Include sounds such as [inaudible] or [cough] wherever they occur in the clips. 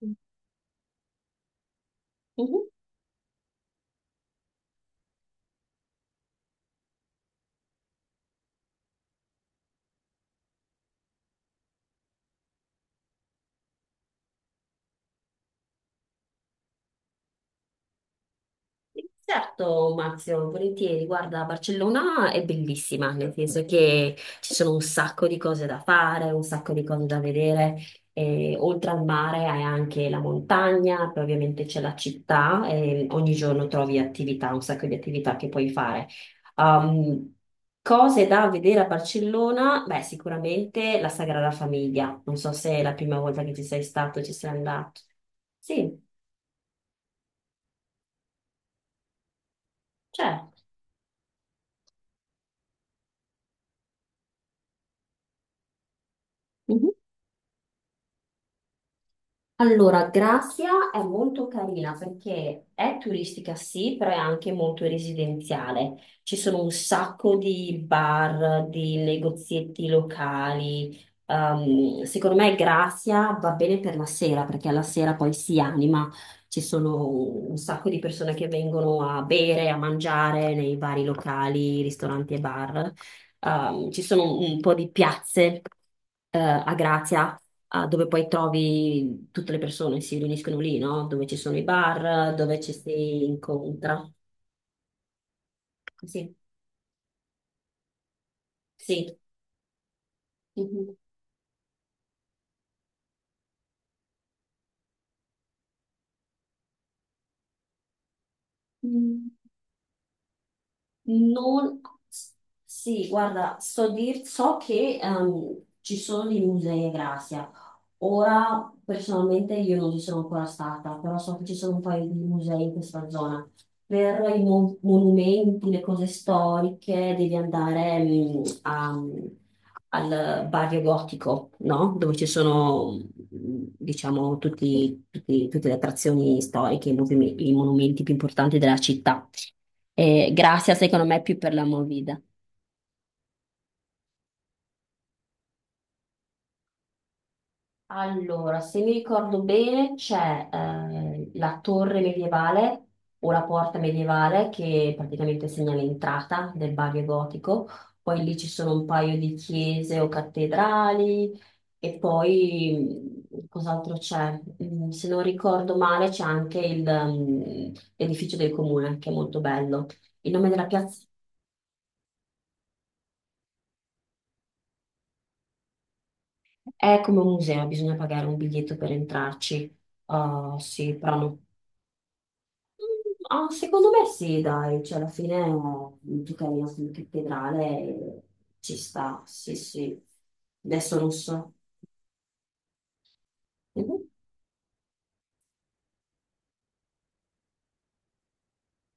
Mhm. Certo, Marzio, volentieri. Guarda, Barcellona è bellissima, nel senso che ci sono un sacco di cose da fare, un sacco di cose da vedere. E, oltre al mare hai anche la montagna, poi ovviamente c'è la città e ogni giorno trovi attività, un sacco di attività che puoi fare. Um, cose da vedere a Barcellona? Beh, sicuramente la Sagrada Famiglia. Non so se è la prima volta che ci sei stato, ci sei andato. Sì, certo. Mhm. Allora, Grazia è molto carina perché è turistica sì, però è anche molto residenziale. Ci sono un sacco di bar, di negozietti locali. Secondo me Grazia va bene per la sera perché alla sera poi si anima. Ci sono un sacco di persone che vengono a bere, a mangiare nei vari locali, ristoranti e bar. Ci sono un po' di piazze, a Grazia dove poi trovi tutte le persone, si riuniscono lì, no? Dove ci sono i bar, dove ci si incontra. Sì, sì. Mhm. Mm, non... Sì, guarda, so, so che ci sono dei musei a Gracia. Ora personalmente io non ci sono ancora stata, però so che ci sono un paio di musei in questa zona. Per i monumenti, le cose storiche, devi andare al barrio gotico, no? Dove ci sono, diciamo, tutte le attrazioni storiche, i i monumenti più importanti della città. E grazie, secondo me, più per la movida. Allora, se mi ricordo bene, c'è la torre medievale o la porta medievale che praticamente segna l'entrata del Bavio Gotico, poi lì ci sono un paio di chiese o cattedrali e poi cos'altro c'è? Se non ricordo male c'è anche il, l'edificio del comune che è molto bello. Il nome della piazza è come un museo, bisogna pagare un biglietto per entrarci. Ah, sì, però no. Ah, secondo me sì, dai, cioè alla fine tu cammini in cattedrale e ci sta, sì, sì. Adesso non so. Mhm,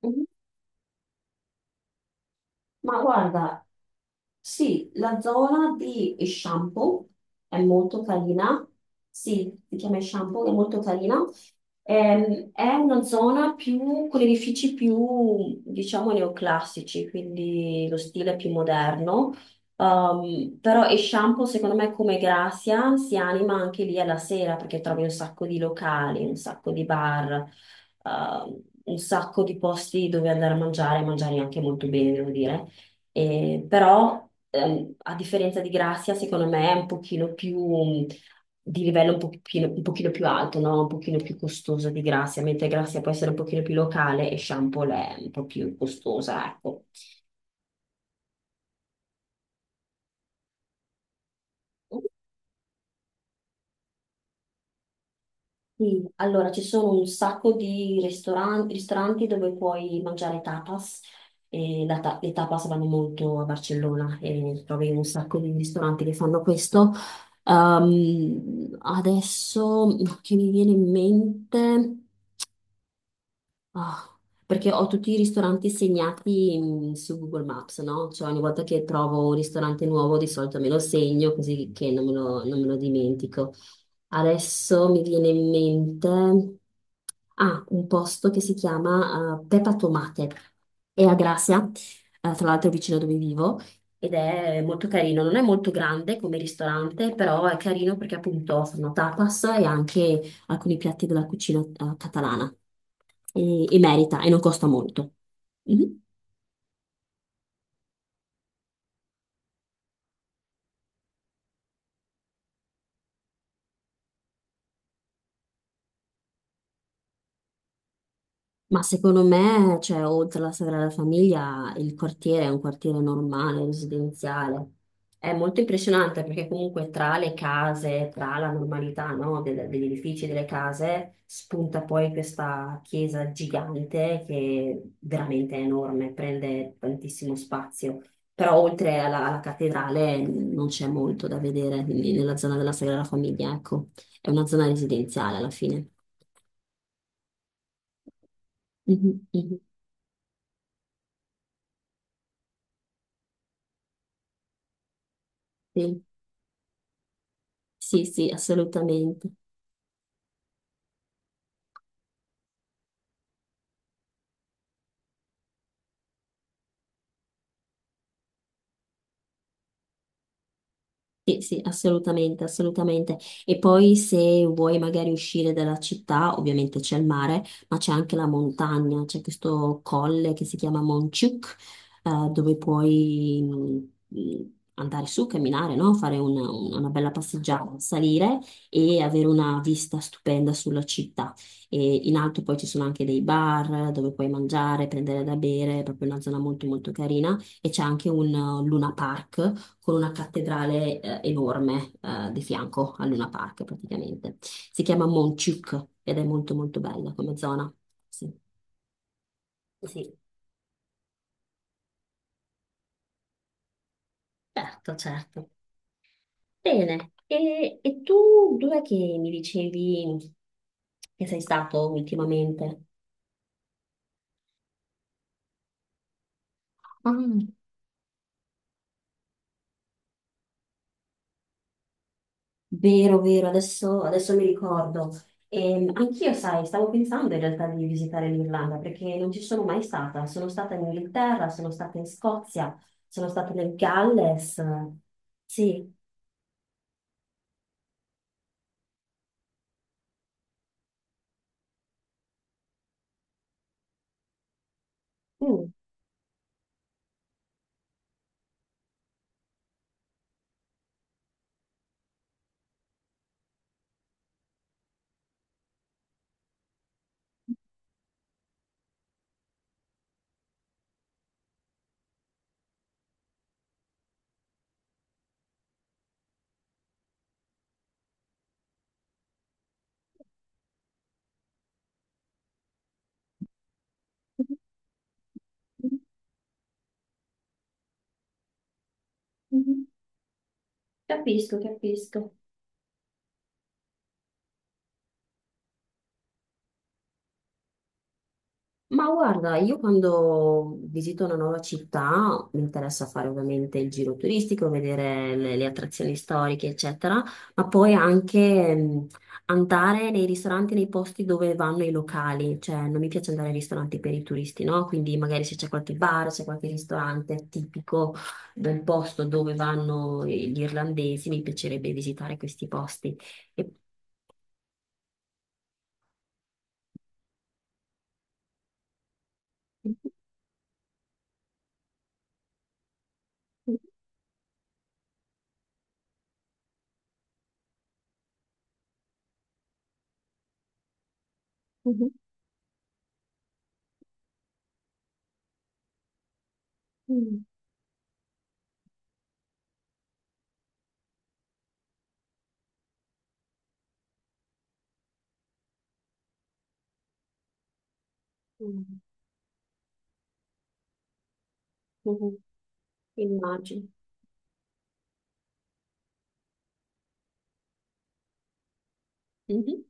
mhm. Ma guarda, sì, la zona di shampoo è molto carina, sì, si chiama shampoo, è molto carina. È una zona più, con edifici più, diciamo, neoclassici, quindi lo stile più moderno. Però e shampoo, secondo me, come Grazia, si anima anche lì alla sera perché trovi un sacco di locali, un sacco di bar, un sacco di posti dove andare a mangiare, e mangiare anche molto bene, devo dire. Però, a differenza di Grazia, secondo me è un pochino più di livello un pochino più alto, no? Un pochino più costoso di Grazia, mentre Grazia può essere un pochino più locale e Shampoo è un po' più costosa, ecco. Sì, allora ci sono un sacco di ristoranti dove puoi mangiare tapas e le tapas vanno molto a Barcellona e trovi un sacco di ristoranti che fanno questo. Adesso no, che mi viene in mente. Ah, perché ho tutti i ristoranti segnati su Google Maps, no? Cioè ogni volta che trovo un ristorante nuovo di solito me lo segno così che non me lo dimentico. Adesso mi viene in mente ah, un posto che si chiama Peppa Tomate, è a Gracia, tra l'altro vicino dove vivo, ed è molto carino. Non è molto grande come ristorante, però è carino perché appunto fanno tapas e anche alcuni piatti della cucina catalana e merita e non costa molto. Mhm. Ma secondo me, cioè, oltre alla Sagrada Famiglia, il quartiere è un quartiere normale, residenziale. È molto impressionante perché comunque tra le case, tra la normalità, no, degli edifici, delle case, spunta poi questa chiesa gigante che veramente è enorme, prende tantissimo spazio. Però oltre alla, alla cattedrale non c'è molto da vedere quindi, nella zona della Sagrada Famiglia, ecco. È una zona residenziale alla fine. Mhm, mhm, sì. Sì, sì, assolutamente. Sì, sì, assolutamente, assolutamente. E poi se vuoi magari uscire dalla città, ovviamente c'è il mare, ma c'è anche la montagna, c'è questo colle che si chiama Monciuc, dove puoi andare su, camminare, no? Fare una bella passeggiata, salire e avere una vista stupenda sulla città. E in alto poi ci sono anche dei bar dove puoi mangiare, prendere da bere, è proprio una zona molto molto carina e c'è anche un Luna Park con una cattedrale enorme di fianco al Luna Park praticamente. Si chiama Monchuk ed è molto molto bella come zona. Sì. Sì, certo, certo. Bene, e tu dov'è che mi dicevi che sei stato ultimamente? Vero, vero, adesso, adesso mi ricordo. Anch'io, sai, stavo pensando in realtà di visitare l'Irlanda perché non ci sono mai stata. Sono stata in Inghilterra, sono stata in Scozia, sono stata nel Galles. Sì. Mm. [laughs] Mhm. Capisco, capisco. Ma guarda, io quando visito una nuova città mi interessa fare ovviamente il giro turistico, vedere le attrazioni storiche, eccetera, ma poi anche andare nei ristoranti, nei posti dove vanno i locali, cioè non mi piace andare ai ristoranti per i turisti, no? Quindi magari se c'è qualche bar, c'è qualche ristorante tipico del posto dove vanno gli irlandesi, mi piacerebbe visitare questi posti. E- mhm, mhm, mhm, mhm, immagino. Mhm.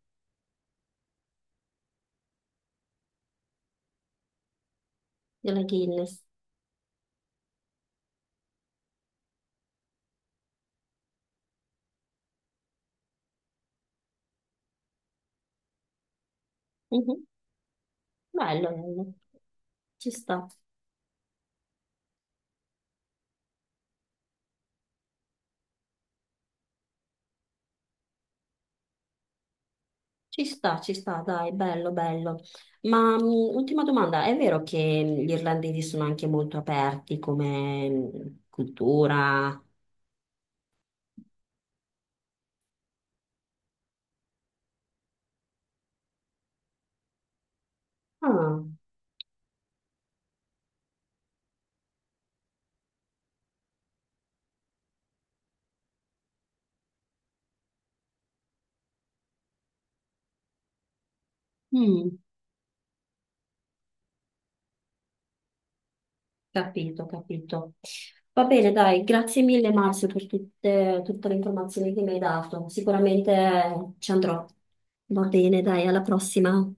Della Guinness. Mhm. Bello, bello. Ci sta, ci sta, ci sta, dai, bello, bello. Ma ultima domanda, è vero che gli irlandesi sono anche molto aperti come cultura? Ah, mm, capito, capito. Va bene, dai, grazie mille Marzio per tutte, tutte le informazioni che mi hai dato. Sicuramente ci andrò. Va bene, dai, alla prossima.